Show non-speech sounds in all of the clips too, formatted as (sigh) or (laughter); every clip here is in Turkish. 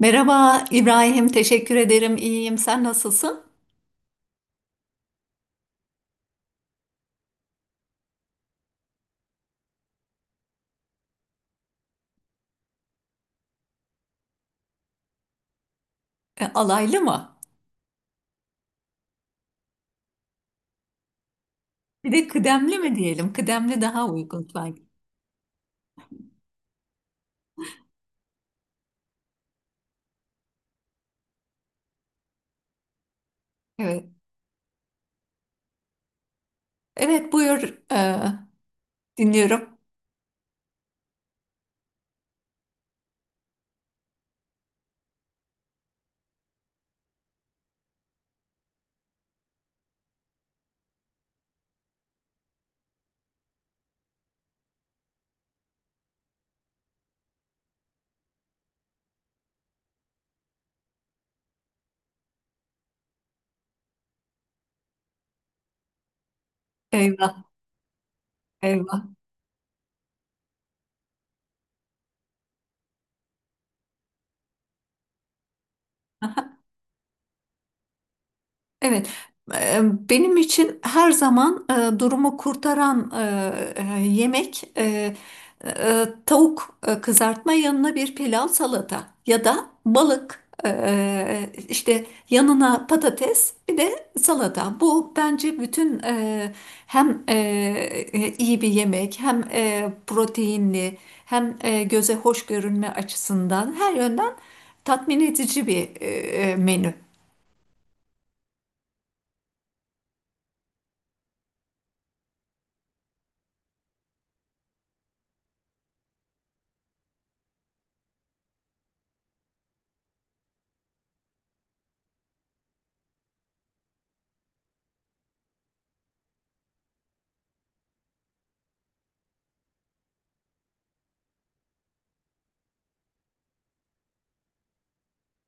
Merhaba İbrahim, teşekkür ederim. İyiyim. Sen nasılsın? Alaylı mı? Bir de kıdemli mi diyelim? Kıdemli daha uygun sanki. Evet. Evet, buyur. Dinliyorum. Eyvah, eyvah. Evet, e, benim için her zaman durumu kurtaran yemek, tavuk kızartma, yanına bir pilav salata, ya da balık, işte yanına patates bir de salata. Bu bence bütün hem e, iyi bir yemek, hem proteinli, hem göze hoş görünme açısından her yönden tatmin edici bir menü.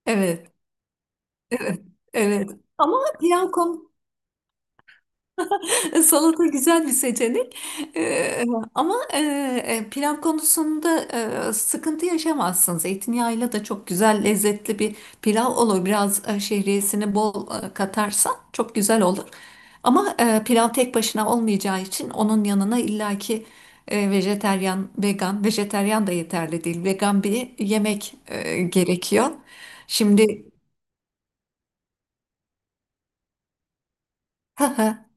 Evet. Evet, evet. Ama pilav konu (laughs) salata güzel bir seçenek. Ee, ama pilav konusunda sıkıntı yaşamazsın. Zeytinyağıyla da çok güzel lezzetli bir pilav olur. Biraz şehriyesini bol katarsan çok güzel olur. Ama pilav tek başına olmayacağı için onun yanına illaki vejeteryan, vegan, vejeteryan da yeterli değil. Vegan bir yemek gerekiyor. Şimdi, (laughs)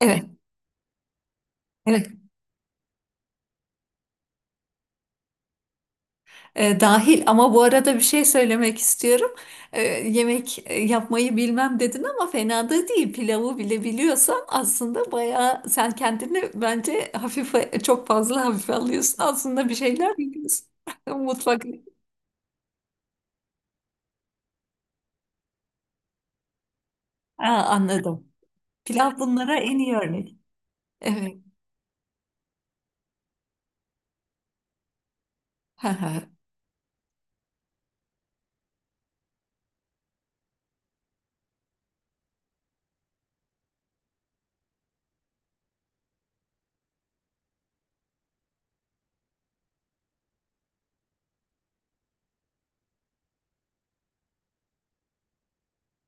evet, evet. Dahil, ama bu arada bir şey söylemek istiyorum. Yemek yapmayı bilmem dedin ama fena da değil. Pilavı bile biliyorsan aslında bayağı sen kendini bence hafife çok fazla hafife alıyorsun. Aslında bir şeyler biliyorsun. (laughs) Mutfak. Ha, anladım. Pilav bunlara en iyi örnek. Evet. (laughs)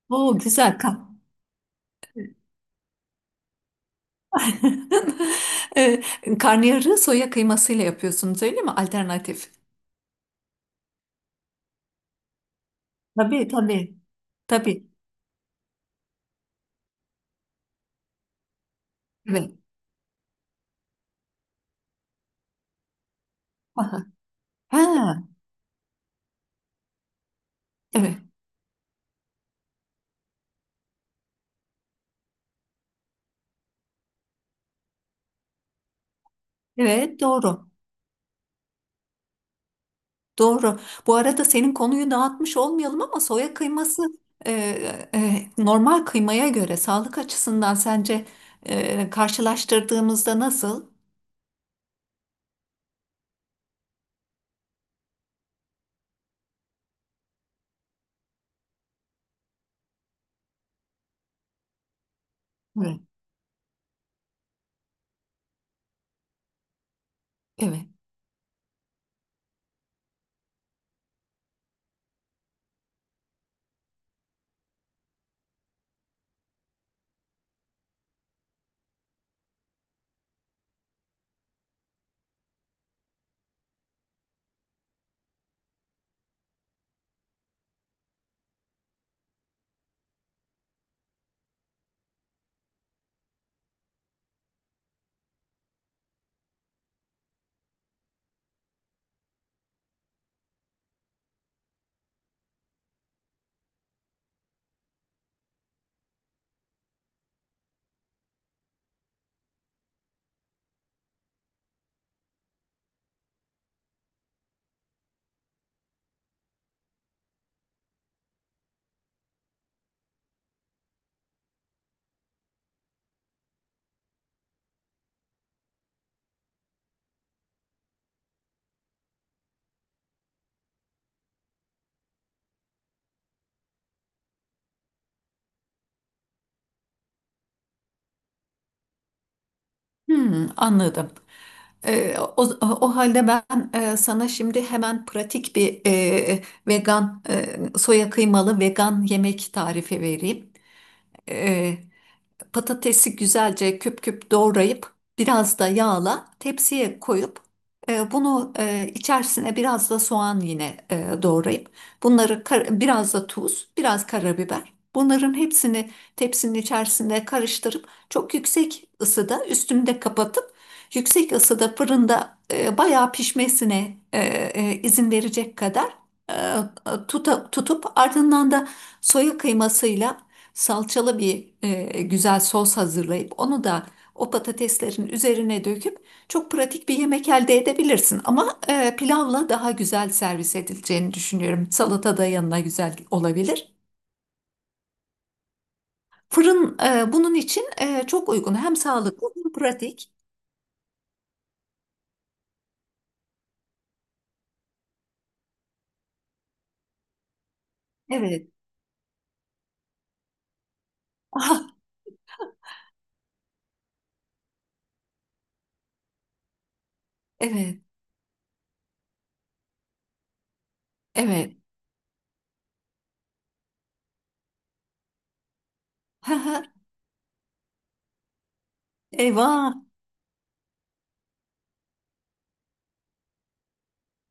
O güzel kan. (laughs) e, Karnıyarığı soya kıymasıyla yapıyorsunuz, öyle mi? Alternatif. Tabii, tabii. Tabii. Evet. Aha. Ha. Evet, evet, doğru. Doğru. Bu arada senin konuyu dağıtmış olmayalım ama soya kıyması, e, normal kıymaya göre sağlık açısından sence karşılaştırdığımızda nasıl? Evet. Evet. Hmm, anladım. E, o, O halde ben sana şimdi hemen pratik bir vegan, soya kıymalı vegan yemek tarifi vereyim. E, Patatesi güzelce küp küp doğrayıp biraz da yağla tepsiye koyup, içerisine biraz da soğan yine doğrayıp, bunları biraz da tuz, biraz karabiber. Bunların hepsini tepsinin içerisinde karıştırıp çok yüksek ısıda üstünde kapatıp yüksek ısıda fırında bayağı pişmesine izin verecek kadar e, tutup, ardından da soya kıymasıyla salçalı bir güzel sos hazırlayıp onu da o patateslerin üzerine döküp çok pratik bir yemek elde edebilirsin. Ama pilavla daha güzel servis edileceğini düşünüyorum. Salata da yanına güzel olabilir. Fırın bunun için çok uygun. Hem sağlıklı, hem pratik. Evet. Ah, evet. Evet. (laughs) Eyvah.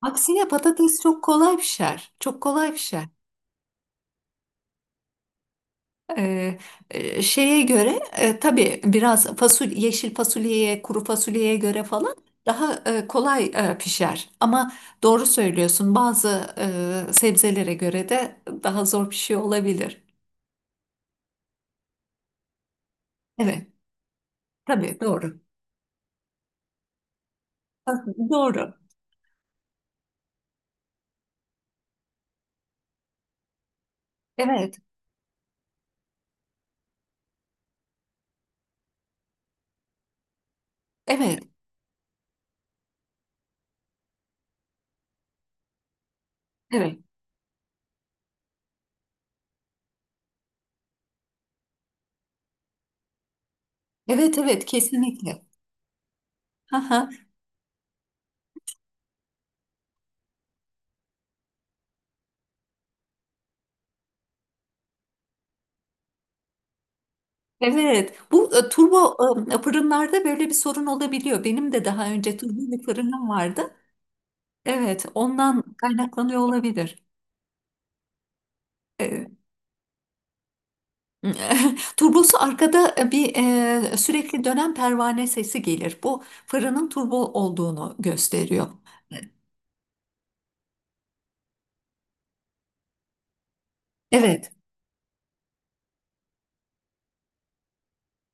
Aksine patates çok kolay pişer. Çok kolay pişer. Ee, Şeye göre tabii biraz, fasulye, yeşil fasulyeye, kuru fasulyeye göre falan daha kolay pişer. Ama doğru söylüyorsun, bazı sebzelere göre de daha zor pişiyor olabilir. Evet, tabii doğru. Ha. Doğru. Evet, evet, evet. Evet, evet, kesinlikle. Aha, evet, bu turbo fırınlarda böyle bir sorun olabiliyor. Benim de daha önce turbo bir fırınım vardı. Evet, ondan kaynaklanıyor olabilir. E, (laughs) Turbosu arkada, sürekli dönen pervane sesi gelir. Bu fırının turbo olduğunu gösteriyor. Evet,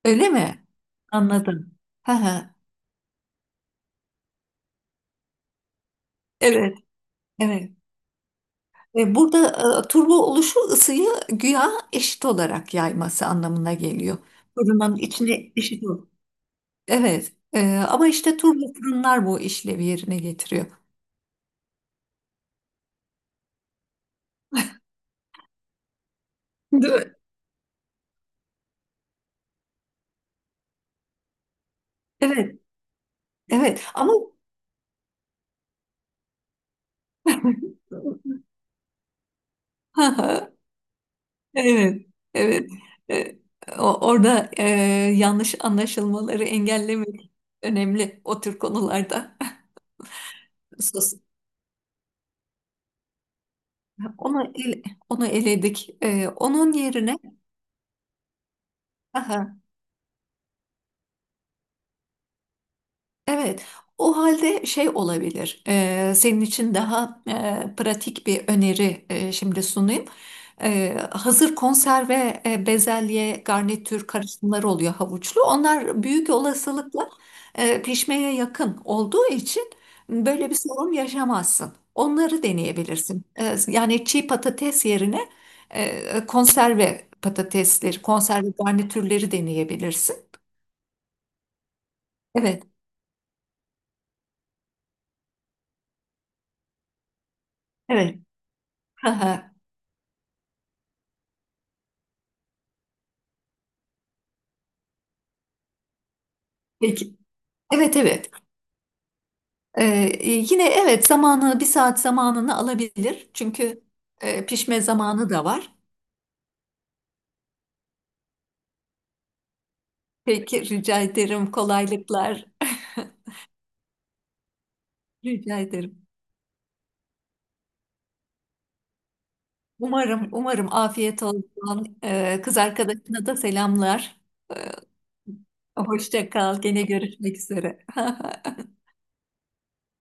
öyle mi? Anladım. Hı hı. Evet, evet. Burada turbo oluşu ısıyı güya eşit olarak yayması anlamına geliyor. Fırının içine eşit ol. Evet. Ama işte turbo fırınlar bu işlevi yerine getiriyor. Değil mi? Evet, evet. Ama (laughs) (laughs) evet, evet. E, Orada yanlış anlaşılmaları engellemek önemli o tür konularda. Sus. Onu ele- Onu eledik. Onun yerine (laughs) evet, o halde şey olabilir. Senin için daha pratik bir öneri şimdi sunayım. Hazır konserve bezelye, garnitür karışımları oluyor, havuçlu. Onlar büyük olasılıkla pişmeye yakın olduğu için böyle bir sorun yaşamazsın. Onları deneyebilirsin. Yani çiğ patates yerine konserve patatesleri, konserve garnitürleri deneyebilirsin. Evet, evet. (laughs) Peki. Evet, evet. Ee, Yine evet zamanı, bir saat zamanını alabilir. Çünkü pişme zamanı da var. Peki, rica ederim, kolaylıklar. (laughs) Rica ederim. Umarım, umarım afiyet olsun. Kız arkadaşına da selamlar. Ee, hoşça kal. Gene görüşmek üzere. (laughs)